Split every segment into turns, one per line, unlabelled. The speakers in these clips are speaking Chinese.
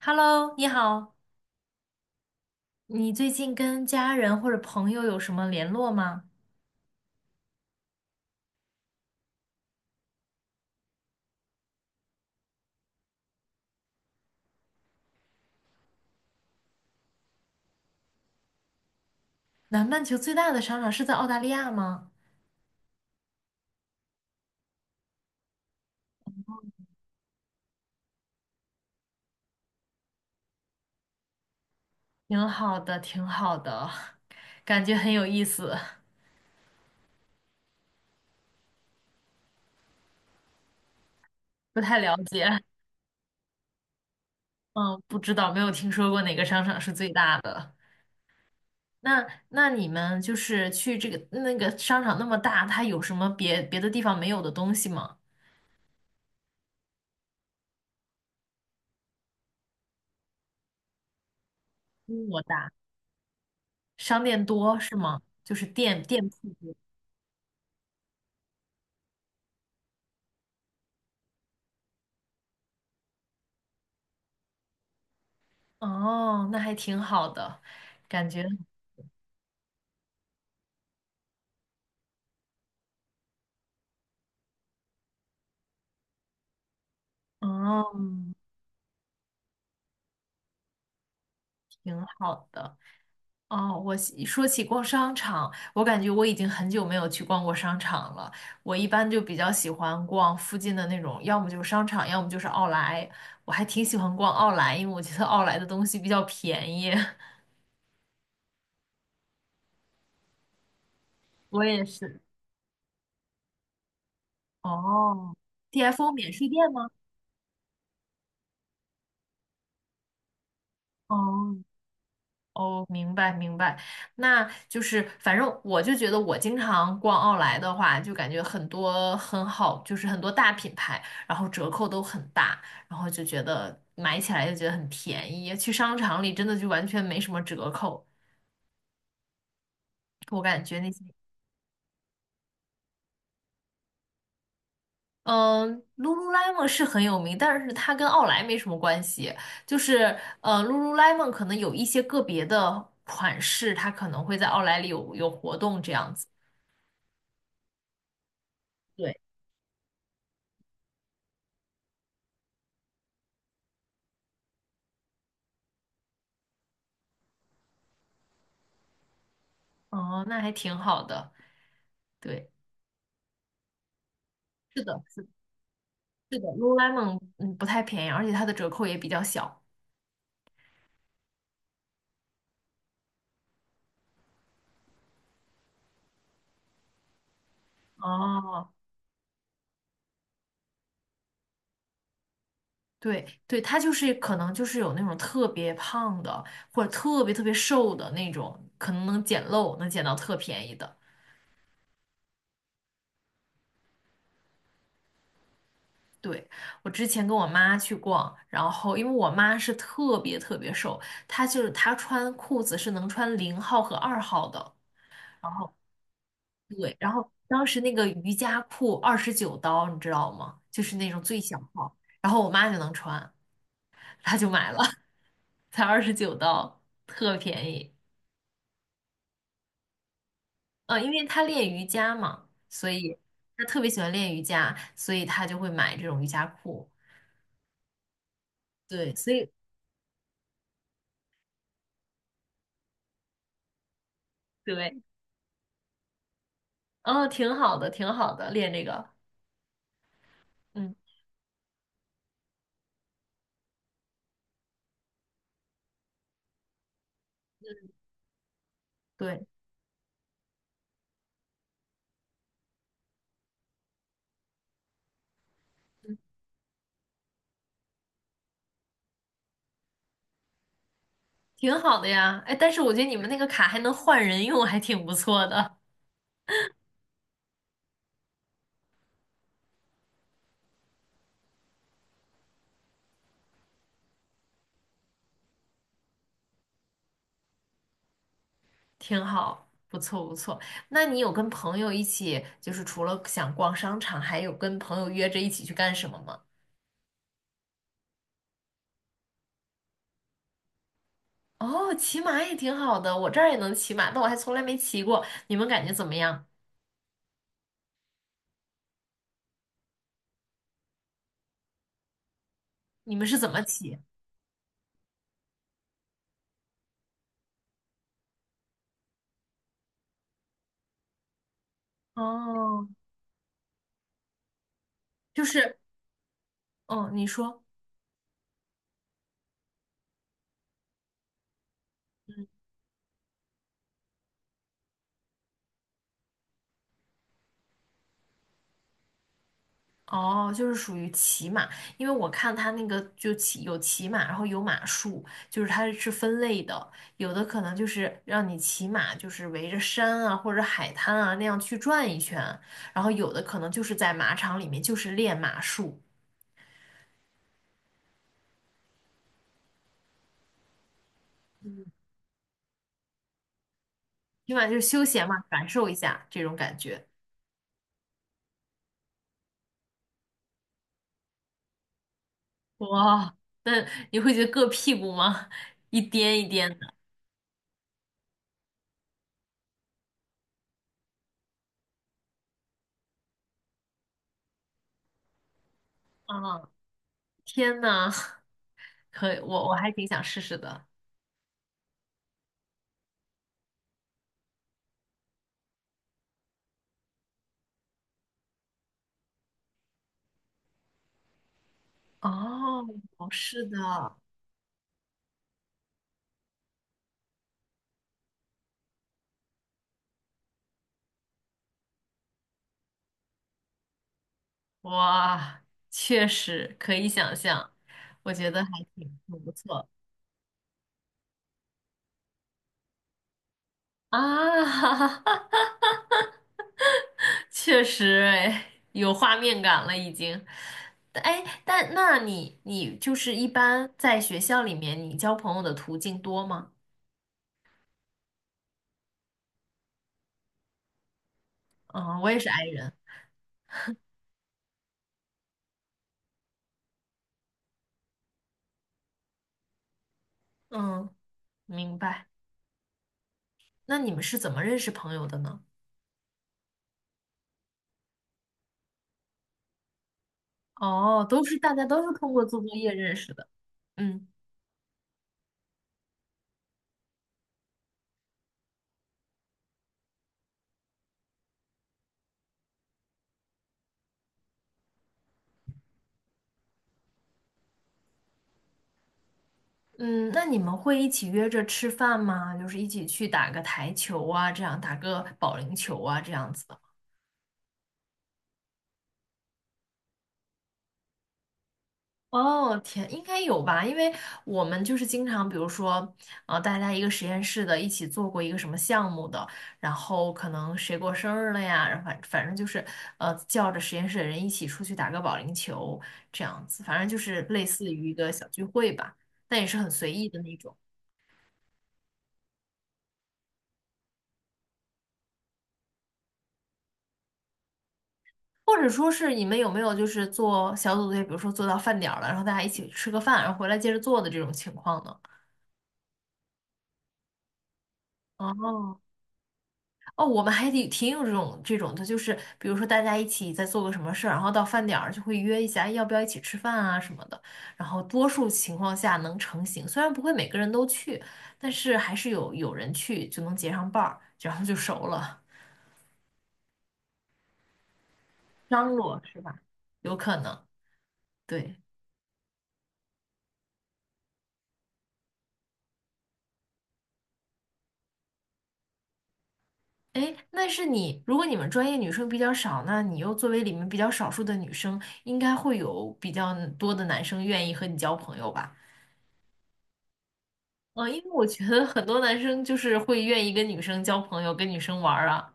Hello，你好，你最近跟家人或者朋友有什么联络吗？南半球最大的商场是在澳大利亚吗？挺好的，挺好的，感觉很有意思。不太了解。嗯，不知道，没有听说过哪个商场是最大的。那你们就是去这个那个商场那么大，它有什么别的地方没有的东西吗？规模大，商店多是吗？就是店铺多。哦，那还挺好的，感觉。哦，挺好的。哦，我喜说起逛商场，我感觉我已经很久没有去逛过商场了。我一般就比较喜欢逛附近的那种，要么就是商场，要么就是奥莱。我还挺喜欢逛奥莱，因为我觉得奥莱的东西比较便宜。我也是。哦，TFO 免税店吗？哦，哦，明白明白。那就是反正我就觉得，我经常逛奥莱的话，就感觉很多很好，就是很多大品牌，然后折扣都很大，然后就觉得买起来就觉得很便宜。去商场里真的就完全没什么折扣，我感觉那些，嗯，Lululemon 是很有名，但是它跟奥莱没什么关系。就是Lululemon 可能有一些个别的款式，它可能会在奥莱里有活动这样子。对。哦，那还挺好的。对，是的，是的是的，Lululemon 嗯不太便宜，而且它的折扣也比较小。哦，对对，它就是可能就是有那种特别胖的或者特别特别瘦的那种，可能能捡漏，能捡到特便宜的。对，我之前跟我妈去逛，然后因为我妈是特别特别瘦，她就是她穿裤子是能穿零号和二号的。然后对，然后当时那个瑜伽裤二十九刀，你知道吗？就是那种最小号，然后我妈就能穿，她就买了，才二十九刀，特便宜。嗯，因为她练瑜伽嘛，所以她特别喜欢练瑜伽，所以她就会买这种瑜伽裤。对，所以对，哦，挺好的，挺好的，练这个，嗯，对，挺好的呀。哎，但是我觉得你们那个卡还能换人用，还挺不错的。挺好，不错不错。那你有跟朋友一起，就是除了想逛商场，还有跟朋友约着一起去干什么吗？哦，骑马也挺好的，我这儿也能骑马，但我还从来没骑过。你们感觉怎么样？你们是怎么骑？哦，就是，嗯，你说。哦，就是属于骑马，因为我看它那个就骑有骑马，然后有马术，就是它是分类的，有的可能就是让你骑马，就是围着山啊或者海滩啊那样去转一圈，然后有的可能就是在马场里面就是练马术。起码就是休闲嘛，感受一下这种感觉。哇，那你会觉得硌屁股吗？一颠一颠的。啊，天呐，可以，我还挺想试试的。哦，是的。哇，确实可以想象，我觉得还挺挺不错啊。确实，哎，有画面感了已经。哎，但那你就是一般在学校里面，你交朋友的途径多吗？嗯，我也是 i 人。嗯，明白。那你们是怎么认识朋友的呢？哦，都是大家都是通过做作业认识的。嗯。嗯，那你们会一起约着吃饭吗？就是一起去打个台球啊，这样打个保龄球啊，这样子的吗？哦，天，应该有吧？因为我们就是经常，比如说，大家一个实验室的，一起做过一个什么项目的，然后可能谁过生日了呀，然后反正就是，叫着实验室的人一起出去打个保龄球，这样子，反正就是类似于一个小聚会吧，但也是很随意的那种。或者说是你们有没有就是做小组作业，比如说做到饭点儿了，然后大家一起吃个饭，然后回来接着做的这种情况呢？哦哦，我们还挺有这种的，就是比如说大家一起在做个什么事儿，然后到饭点儿就会约一下，哎要不要一起吃饭啊什么的。然后多数情况下能成行，虽然不会每个人都去，但是还是有人去就能结上伴儿，然后就熟了。张罗是吧？有可能，对。哎，那是你，如果你们专业女生比较少，那你又作为里面比较少数的女生，应该会有比较多的男生愿意和你交朋友吧？嗯，因为我觉得很多男生就是会愿意跟女生交朋友，跟女生玩儿啊。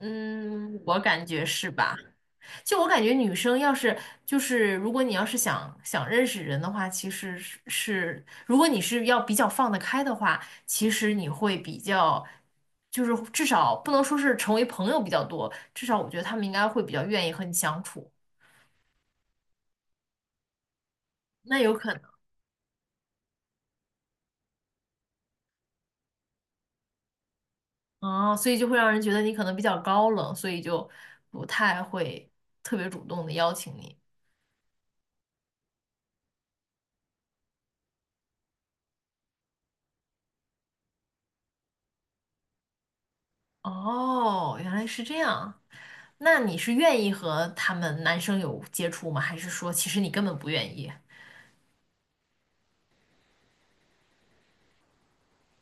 嗯，我感觉是吧？就我感觉，女生要是就是如果你要是想认识人的话，其实是如果你是要比较放得开的话，其实你会比较就是至少不能说是成为朋友比较多，至少我觉得他们应该会比较愿意和你相处。那有可能啊，所以就会让人觉得你可能比较高冷，所以就不太会特别主动的邀请你。哦，原来是这样。那你是愿意和他们男生有接触吗？还是说其实你根本不愿意？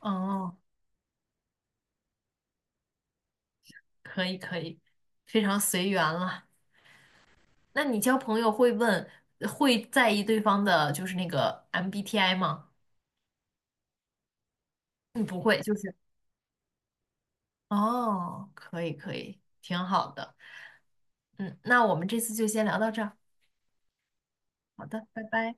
哦，可以可以，非常随缘了。那你交朋友会问，会在意对方的就是那个 MBTI 吗？嗯，不会，就是哦，可以可以，挺好的。嗯，那我们这次就先聊到这儿。好的，拜拜。